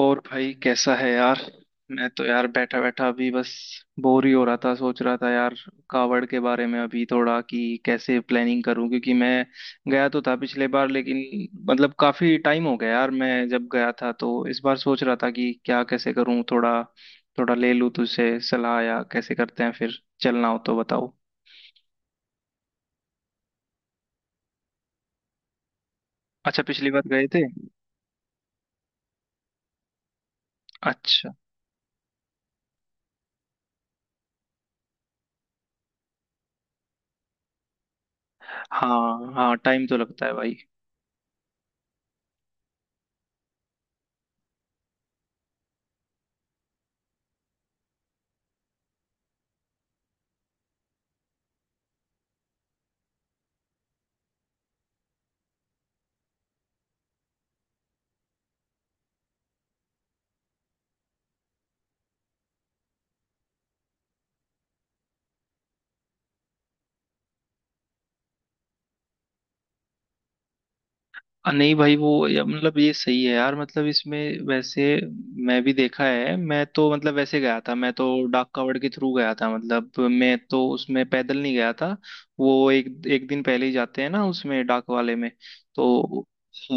और भाई कैसा है यार। मैं तो यार बैठा बैठा अभी बस बोर ही हो रहा था। सोच रहा था यार कावड़ के बारे में अभी थोड़ा कि कैसे प्लानिंग करूं, क्योंकि मैं गया तो था पिछले बार। लेकिन मतलब काफी टाइम हो गया यार मैं जब गया था। तो इस बार सोच रहा था कि क्या कैसे करूं, थोड़ा थोड़ा ले लूं तुझसे सलाह या कैसे करते हैं। फिर चलना हो तो बताओ। अच्छा, पिछली बार गए थे। अच्छा। हाँ हाँ, टाइम तो लगता है भाई। नहीं भाई वो मतलब ये सही है यार, मतलब इसमें वैसे मैं भी देखा है। मैं तो मतलब वैसे गया था, मैं तो डाक कावड़ के थ्रू गया था। मतलब मैं तो उसमें पैदल नहीं गया था। वो एक एक दिन पहले ही जाते हैं ना उसमें डाक वाले में। तो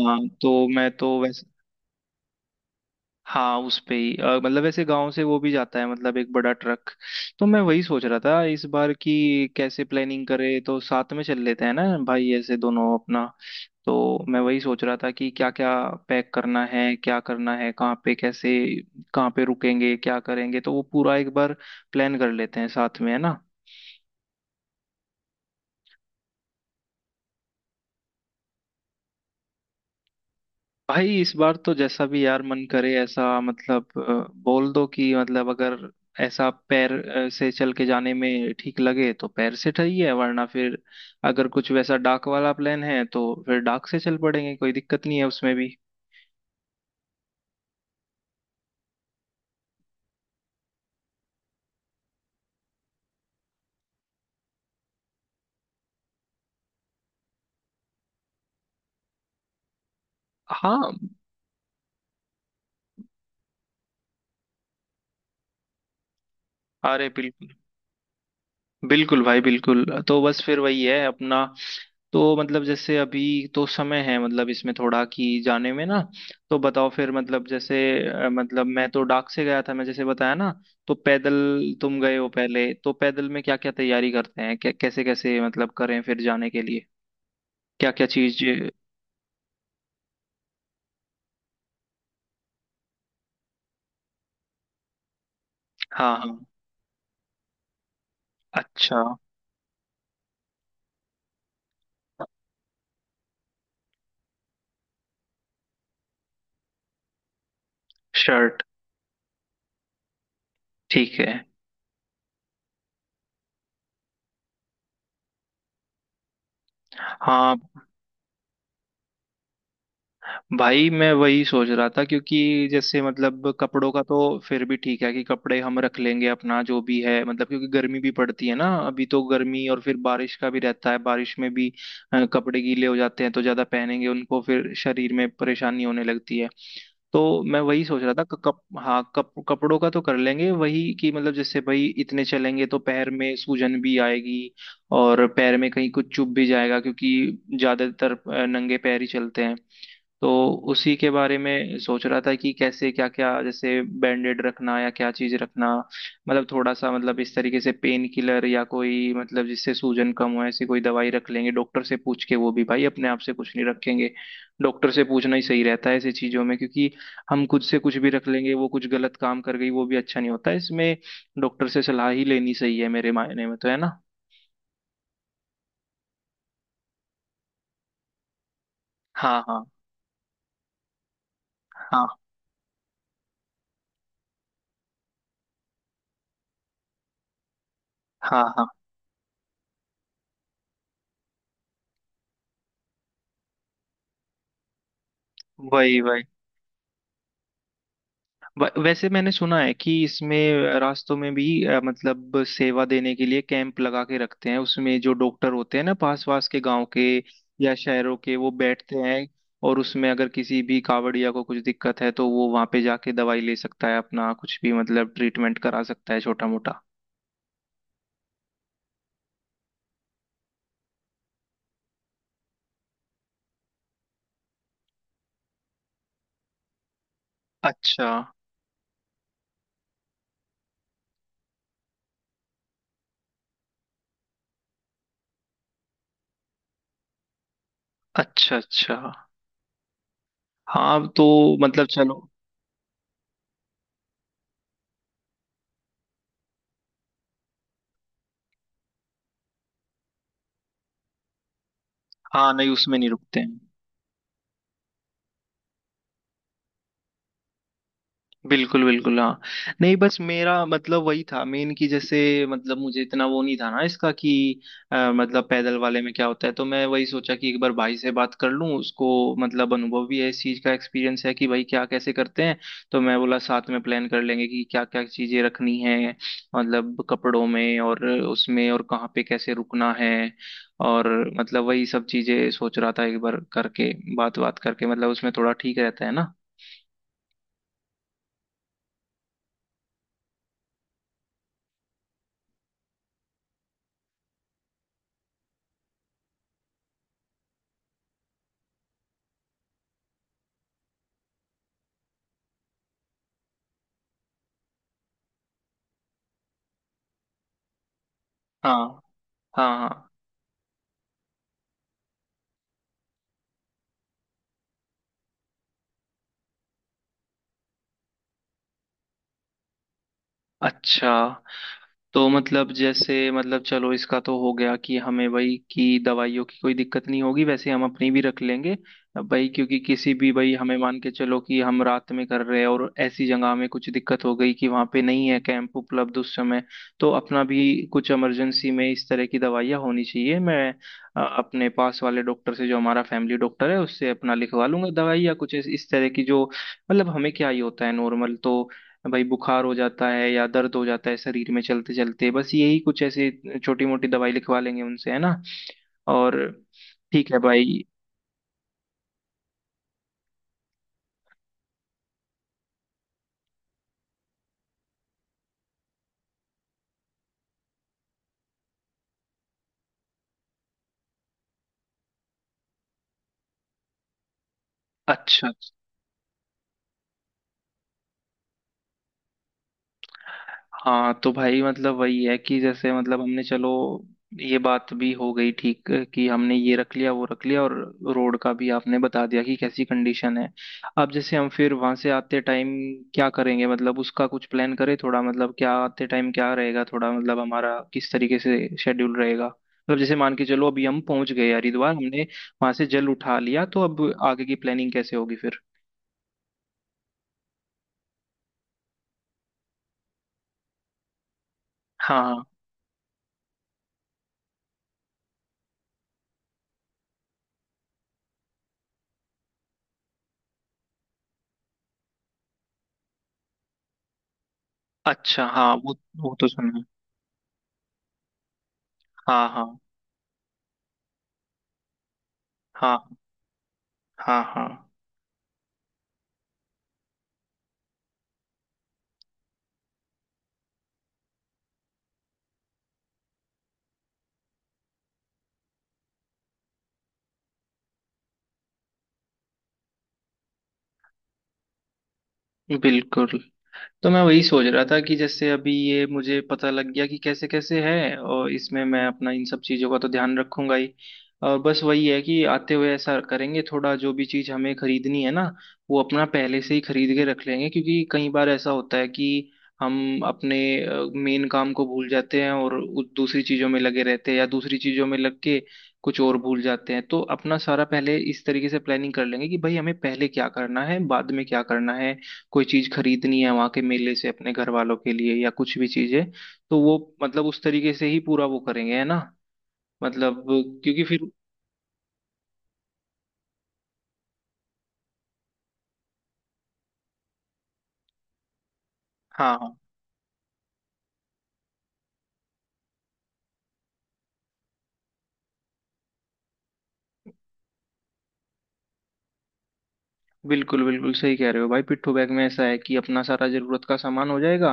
हाँ, तो मैं तो वैसे हाँ उस पे ही मतलब ऐसे गांव से वो भी जाता है, मतलब एक बड़ा ट्रक। तो मैं वही सोच रहा था इस बार की कैसे प्लानिंग करे, तो साथ में चल लेते हैं ना भाई ऐसे दोनों अपना। तो मैं वही सोच रहा था कि क्या क्या पैक करना है, क्या करना है, कहाँ पे कैसे, कहाँ पे रुकेंगे, क्या करेंगे, तो वो पूरा एक बार प्लान कर लेते हैं साथ में, है ना। भाई इस बार तो जैसा भी यार मन करे ऐसा, मतलब बोल दो कि मतलब अगर ऐसा पैर से चल के जाने में ठीक लगे तो पैर से ठीक है, वरना फिर अगर कुछ वैसा डाक वाला प्लान है तो फिर डाक से चल पड़ेंगे, कोई दिक्कत नहीं है उसमें भी। हाँ, अरे बिल्कुल। बिल्कुल भाई बिल्कुल, तो बस फिर वही है अपना। तो मतलब जैसे अभी तो समय है मतलब इसमें थोड़ा कि जाने में ना। तो बताओ फिर मतलब जैसे मतलब मैं तो डाक से गया था, मैं जैसे बताया ना। तो पैदल तुम गए हो पहले, तो पैदल में क्या क्या तैयारी करते हैं, क्या कैसे कैसे मतलब करें फिर जाने के लिए, क्या क्या चीज। हाँ हाँ। अच्छा। शर्ट। ठीक है। हाँ, भाई मैं वही सोच रहा था क्योंकि जैसे मतलब कपड़ों का तो फिर भी ठीक है कि कपड़े हम रख लेंगे अपना जो भी है, मतलब क्योंकि गर्मी भी पड़ती है ना अभी तो गर्मी और फिर बारिश का भी रहता है बारिश में भी कपड़े गीले हो जाते हैं तो ज्यादा पहनेंगे उनको फिर शरीर में परेशानी होने लगती है। तो मैं वही सोच रहा था क- कप हाँ कप कपड़ों का तो कर लेंगे वही कि मतलब जैसे भाई इतने चलेंगे तो पैर में सूजन भी आएगी और पैर में कहीं कुछ चुभ भी जाएगा क्योंकि ज्यादातर नंगे पैर ही चलते हैं। तो उसी के बारे में सोच रहा था कि कैसे क्या क्या जैसे बैंडेड रखना या क्या चीज रखना, मतलब थोड़ा सा मतलब इस तरीके से पेन किलर या कोई मतलब जिससे सूजन कम हो ऐसी कोई दवाई रख लेंगे डॉक्टर से पूछ के। वो भी भाई अपने आप से कुछ नहीं रखेंगे, डॉक्टर से पूछना ही सही रहता है ऐसी चीजों में, क्योंकि हम खुद से कुछ भी रख लेंगे वो कुछ गलत काम कर गई वो भी अच्छा नहीं होता इसमें। डॉक्टर से सलाह ही लेनी सही है मेरे मायने में, तो है ना। हाँ हाँ हाँ हाँ हाँ। वही वही। वैसे मैंने सुना है कि इसमें रास्तों में भी मतलब सेवा देने के लिए कैंप लगा के रखते हैं उसमें जो डॉक्टर होते हैं ना पास पास के गांव के या शहरों के, वो बैठते हैं। और उसमें अगर किसी भी कावड़िया को कुछ दिक्कत है तो वो वहां पे जाके दवाई ले सकता है अपना, कुछ भी मतलब ट्रीटमेंट करा सकता है छोटा मोटा। अच्छा अच्छा। अच्छा। हाँ तो मतलब चलो। हाँ नहीं उसमें नहीं रुकते हैं। बिल्कुल बिल्कुल हाँ। नहीं बस मेरा मतलब वही था मेन कि जैसे मतलब मुझे इतना वो नहीं था ना इसका कि मतलब पैदल वाले में क्या होता है। तो मैं वही सोचा कि एक बार भाई से बात कर लूँ उसको, मतलब अनुभव भी है इस चीज़ का, एक्सपीरियंस है कि भाई क्या कैसे करते हैं। तो मैं बोला साथ में प्लान कर लेंगे कि क्या क्या चीज़ें रखनी है मतलब कपड़ों में और उसमें और कहाँ पे कैसे रुकना है, और मतलब वही सब चीज़ें सोच रहा था एक बार करके बात बात करके मतलब उसमें थोड़ा ठीक रहता है ना। हाँ हाँ हाँ। अच्छा। तो मतलब जैसे मतलब चलो इसका तो हो गया कि हमें भाई कि दवाइयों की कोई दिक्कत नहीं होगी, वैसे हम अपनी भी रख लेंगे। अब भाई क्योंकि किसी भी भाई हमें मान के चलो कि हम रात में कर रहे हैं और ऐसी जगह में कुछ दिक्कत हो गई कि वहां पे नहीं है कैंप उपलब्ध उस समय। तो अपना भी कुछ इमरजेंसी में इस तरह की दवाइयाँ होनी चाहिए। मैं अपने पास वाले डॉक्टर से जो हमारा फैमिली डॉक्टर है उससे अपना लिखवा लूंगा दवाई या कुछ इस तरह की जो मतलब हमें क्या ही होता है नॉर्मल तो। भाई बुखार हो जाता है या दर्द हो जाता है शरीर में चलते चलते, बस यही कुछ ऐसे छोटी मोटी दवाई लिखवा लेंगे उनसे, है ना। और ठीक है भाई। अच्छा। हाँ तो भाई मतलब वही है कि जैसे मतलब हमने चलो ये बात भी हो गई ठीक कि हमने ये रख लिया वो रख लिया, और रोड का भी आपने बता दिया कि कैसी कंडीशन है। अब जैसे हम फिर वहां से आते टाइम क्या करेंगे मतलब उसका कुछ प्लान करें थोड़ा, मतलब क्या आते टाइम क्या रहेगा थोड़ा मतलब हमारा किस तरीके से शेड्यूल रहेगा, मतलब जैसे मान के चलो अभी हम पहुंच गए हरिद्वार हमने वहां से जल उठा लिया, तो अब आगे की प्लानिंग कैसे होगी फिर। हाँ हाँ। अच्छा हाँ वो। वो तो सुना। हाँ हाँ हाँ हाँ हाँ। बिल्कुल। तो मैं वही सोच रहा था कि जैसे अभी ये मुझे पता लग गया कि कैसे कैसे है, और इसमें मैं अपना इन सब चीज़ों का तो ध्यान रखूंगा ही। और बस वही है कि आते हुए ऐसा करेंगे थोड़ा जो भी चीज़ हमें खरीदनी है ना, वो अपना पहले से ही खरीद के रख लेंगे, क्योंकि कई बार ऐसा होता है कि हम अपने मेन काम को भूल जाते हैं और दूसरी चीज़ों में लगे रहते हैं या दूसरी चीज़ों में लग के कुछ और भूल जाते हैं। तो अपना सारा पहले इस तरीके से प्लानिंग कर लेंगे कि भाई हमें पहले क्या करना है बाद में क्या करना है, कोई चीज खरीदनी है वहां के मेले से अपने घर वालों के लिए या कुछ भी चीज है, तो वो मतलब उस तरीके से ही पूरा वो करेंगे, है ना मतलब, क्योंकि फिर हाँ हाँ बिल्कुल बिल्कुल सही कह रहे हो भाई पिट्ठू बैग में ऐसा है कि अपना सारा जरूरत का सामान हो जाएगा।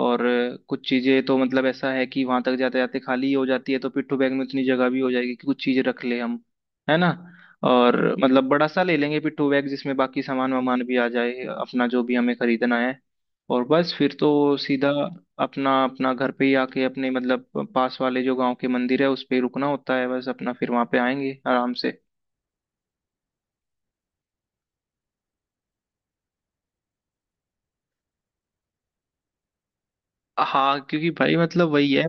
और कुछ चीजें तो मतलब ऐसा है कि वहां तक जाते जाते खाली ही हो जाती है, तो पिट्ठू बैग में उतनी जगह भी हो जाएगी कि कुछ चीजें रख ले हम, है ना। और मतलब बड़ा सा ले लेंगे पिट्ठू बैग जिसमें बाकी सामान वामान भी आ जाए अपना जो भी हमें खरीदना है। और बस फिर तो सीधा अपना अपना घर पे ही आके अपने मतलब पास वाले जो गांव के मंदिर है उस पे रुकना होता है, बस अपना फिर वहां पे आएंगे आराम से। हाँ क्योंकि भाई मतलब वही है,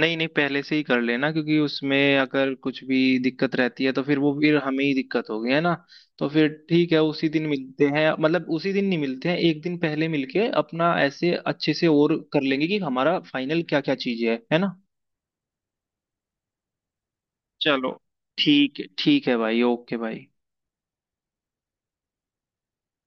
नहीं नहीं पहले से ही कर लेना क्योंकि उसमें अगर कुछ भी दिक्कत रहती है तो फिर वो फिर हमें ही दिक्कत होगी, है ना। तो फिर ठीक है उसी दिन मिलते हैं, मतलब उसी दिन नहीं मिलते हैं एक दिन पहले मिलके अपना ऐसे अच्छे से और कर लेंगे कि हमारा फाइनल क्या क्या चीजें है ना। चलो, ठीक है भाई, ओके भाई।